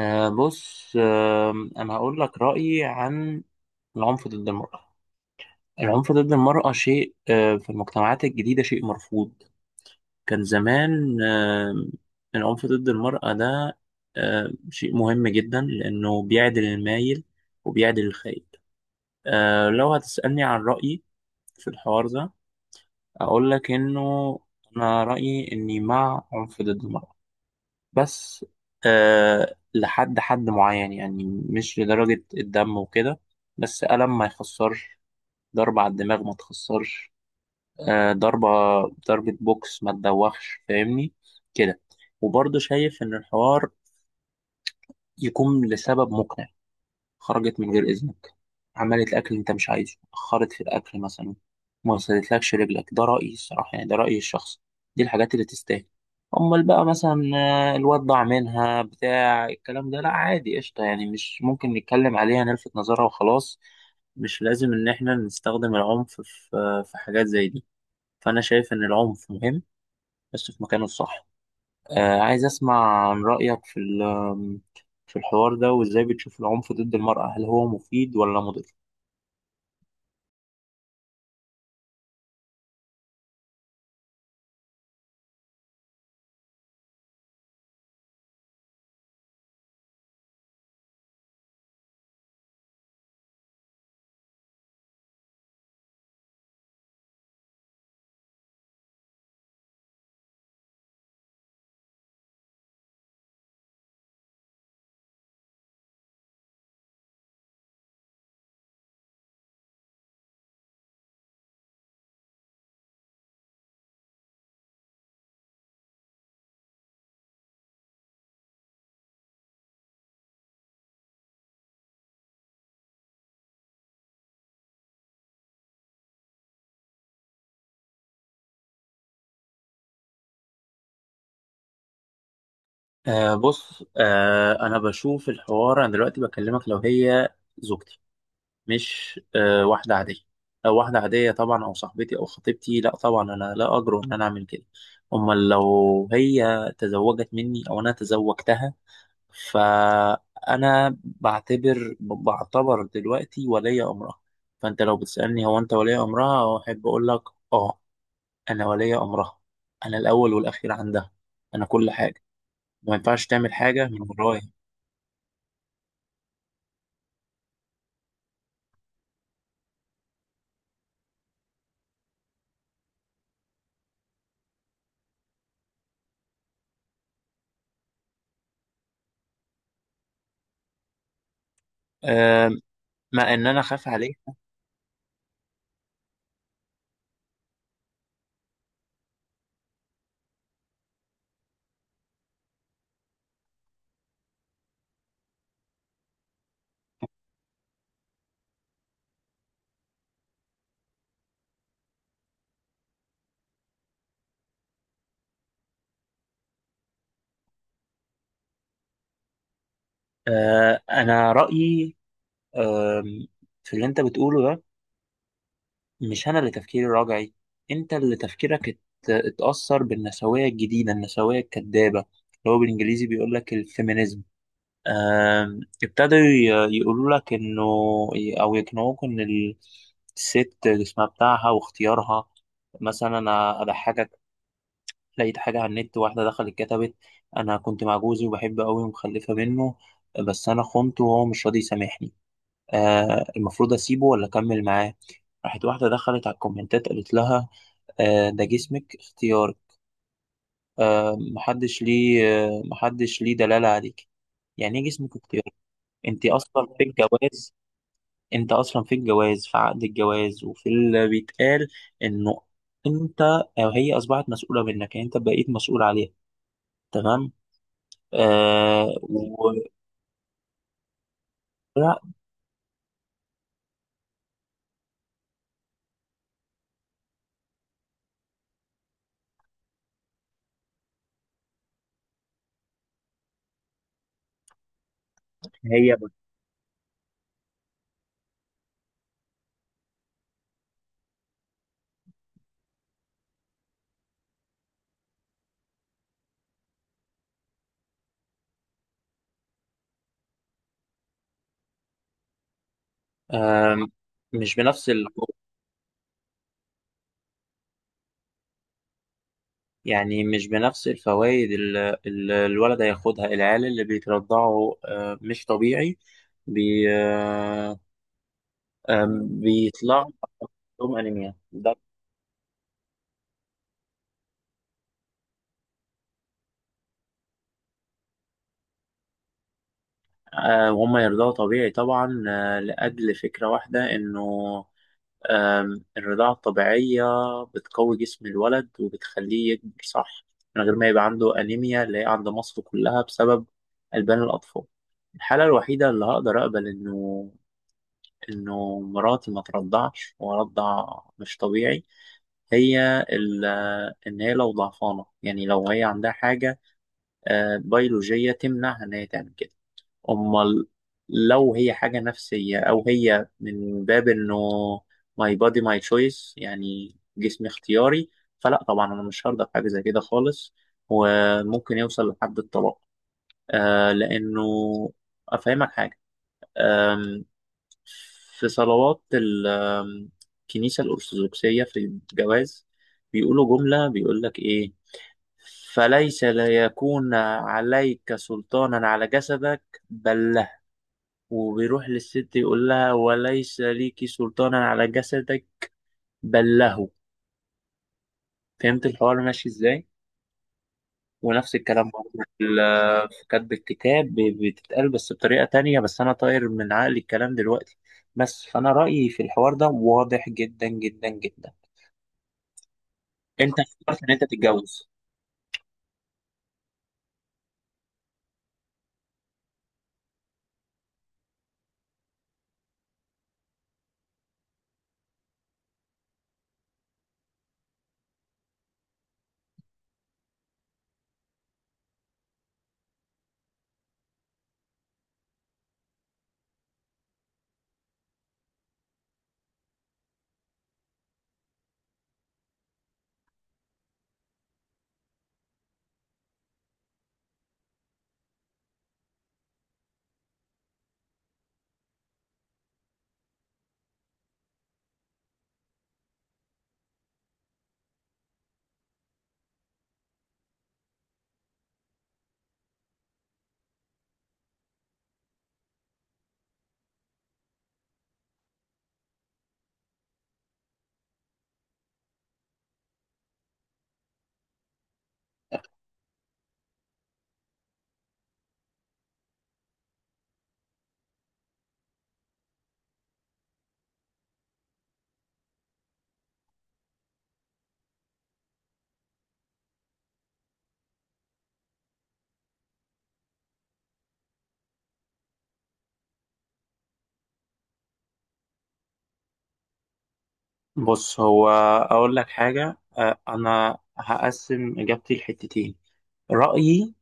بص أنا هقول لك رأيي عن العنف ضد المرأة. العنف ضد المرأة شيء في المجتمعات الجديدة شيء مرفوض. كان زمان العنف ضد المرأة ده شيء مهم جدا لأنه بيعدل المايل وبيعدل الخايب. لو هتسألني عن رأيي في الحوار ده أقول لك إنه أنا رأيي إني مع عنف ضد المرأة، بس لحد حد معين، يعني مش لدرجة الدم وكده، بس ألم ما يخسرش، ضربة على الدماغ ما تخسرش، آه ضربة ضربة بوكس ما تدوخش، فاهمني كده. وبرضه شايف إن الحوار يكون لسبب مقنع: خرجت من غير إذنك، عملت الأكل اللي أنت مش عايزه، أخرت في الأكل مثلا، ما وصلتلكش رجلك، ده رأيي الصراحة، يعني ده رأيي الشخصي، دي الحاجات اللي تستاهل. أمال بقى مثلا الواد ضاع منها بتاع الكلام ده، لا عادي، قشطة، يعني مش ممكن نتكلم عليها نلفت نظرها وخلاص. مش لازم إن إحنا نستخدم العنف في حاجات زي دي. فأنا شايف إن العنف مهم، بس في مكانه الصح. عايز أسمع عن رأيك في الحوار ده، وإزاي بتشوف العنف ضد المرأة، هل هو مفيد ولا مضر؟ بص أنا بشوف الحوار، أنا دلوقتي بكلمك لو هي زوجتي، مش واحدة عادية. لو واحدة عادية طبعا، أو صاحبتي أو خطيبتي، لا طبعا أنا لا أجرؤ إن أنا أعمل كده. أمال لو هي تزوجت مني أو أنا تزوجتها، فأنا بعتبر دلوقتي ولي أمرها. فأنت لو بتسألني هو أنت ولي أمرها، أحب أقول لك آه أنا ولي أمرها، أنا الأول والأخير عندها، أنا كل حاجة، ما ينفعش تعمل حاجة من ورايا. آم، مع إن أنا أخاف عليك. أنا رأيي آم، في اللي أنت بتقوله ده، مش أنا اللي تفكيري راجعي، أنت اللي تفكيرك اتأثر بالنسوية الجديدة، النسوية الكذابة اللي هو بالإنجليزي بيقول لك الفيمينيزم. ابتدوا يقولوا لك انه، او يقنعوك الست جسمها بتاعها واختيارها. مثلا انا اضحكك، لقيت حاجه على النت، واحده دخلت كتبت: انا كنت مع جوزي وبحبه قوي ومخلفه منه، بس انا خنته وهو مش راضي يسامحني، المفروض اسيبه ولا اكمل معاه؟ راحت واحده دخلت على الكومنتات قالت لها: آه ده جسمك اختيارك، محدش ليه دلاله عليك. يعني ايه جسمك اختيارك؟ انت اصلا في الجواز انت اصلا في الجواز، في عقد الجواز وفي اللي بيتقال انه انت، او هي اصبحت مسؤوله منك، يعني انت بقيت مسؤول عليها، تمام؟ آه و... لا هي بس. آه مش بنفس ال... يعني مش بنفس الفوائد اللي الولد هياخدها. العيال اللي بيترضعوا مش طبيعي، بي... آه آه بيطلع عندهم انيميا ده. وهم يرضعوا طبيعي طبعا، لاجل فكره واحده انه الرضاعة الطبيعية بتقوي جسم الولد وبتخليه يكبر صح، من غير ما يبقى عنده أنيميا اللي هي عند مصر كلها بسبب ألبان الأطفال. الحالة الوحيدة اللي هقدر أقبل إنه مراتي ما ترضعش وأرضع مش طبيعي، هي ال- إن هي لو ضعفانة، يعني لو هي عندها حاجة بيولوجية تمنعها إن هي تعمل كده. امال لو هي حاجه نفسيه، او هي من باب انه ماي بادي ماي تشويس، يعني جسمي اختياري، فلا طبعا انا مش هرضى بحاجه زي كده خالص، وممكن يوصل لحد الطلاق. لانه افهمك حاجه. آم، في صلوات ال- آم، الكنيسه الارثوذكسيه، في الجواز بيقولوا جمله، بيقول لك ايه؟ فليس ليكون عليك سلطانا على جسدك بل، وبيروح للست يقول لها: وليس ليكي سلطان على جسدك بل له. فهمت الحوار ماشي ازاي؟ ونفس الكلام برضه في كتب الكتاب بتتقال، بس بطريقة تانية، بس أنا طاير من عقلي الكلام دلوقتي. بس فأنا رأيي في الحوار ده واضح جدا جدا جدا. أنت فكرت إن أنت تتجوز؟ بص، هو أقول لك حاجة، أنا هقسم إجابتي لحتتين: رأيي،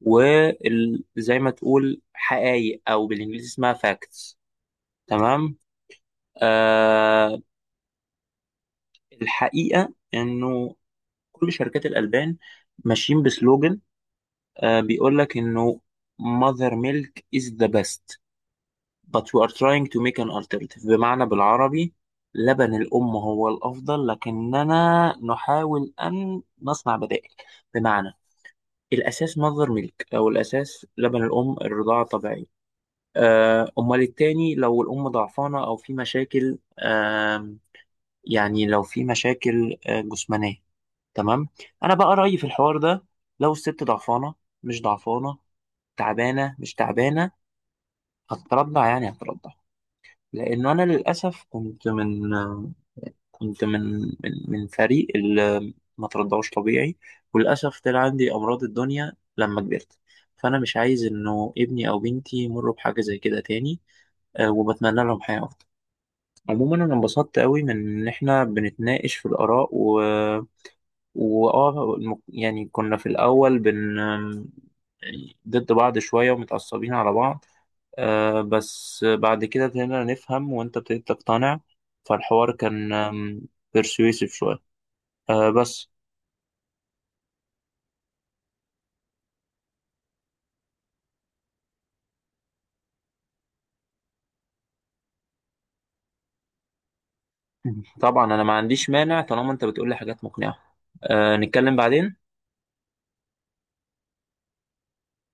وزي ما تقول حقايق، أو بالإنجليزي اسمها facts، تمام؟ آه الحقيقة إنه كل شركات الألبان ماشيين بسلوجن، بيقول لك إنه mother milk is the best but we are trying to make an alternative، بمعنى بالعربي لبن الأم هو الأفضل لكننا نحاول أن نصنع بدائل. بمعنى الأساس mother milk، أو الأساس لبن الأم، الرضاعة الطبيعية. أمال التاني، لو الأم ضعفانة أو في مشاكل، يعني لو في مشاكل جسمانية، تمام؟ أنا بقى رأيي في الحوار ده: لو الست ضعفانة مش ضعفانة، تعبانة مش تعبانة، هتترضع يعني هتترضع. لأنه أنا للأسف كنت من آه، كنت من من, من فريق اللي ما ترضعوش طبيعي، وللأسف طلع عندي أمراض الدنيا لما كبرت، فأنا مش عايز إنه ابني أو بنتي يمروا بحاجة زي كده تاني، وبتمنى لهم حياة أفضل. عموما أنا انبسطت قوي من إن إحنا بنتناقش في الآراء، يعني كنا في الأول يعني ضد بعض شوية ومتعصبين على بعض، بس بعد كده ابتدينا نفهم، وأنت ابتديت تقتنع، فالحوار كان بيرسويسيف شوية، بس طبعا أنا ما عنديش مانع طالما أنت بتقولي حاجات مقنعة، نتكلم بعدين.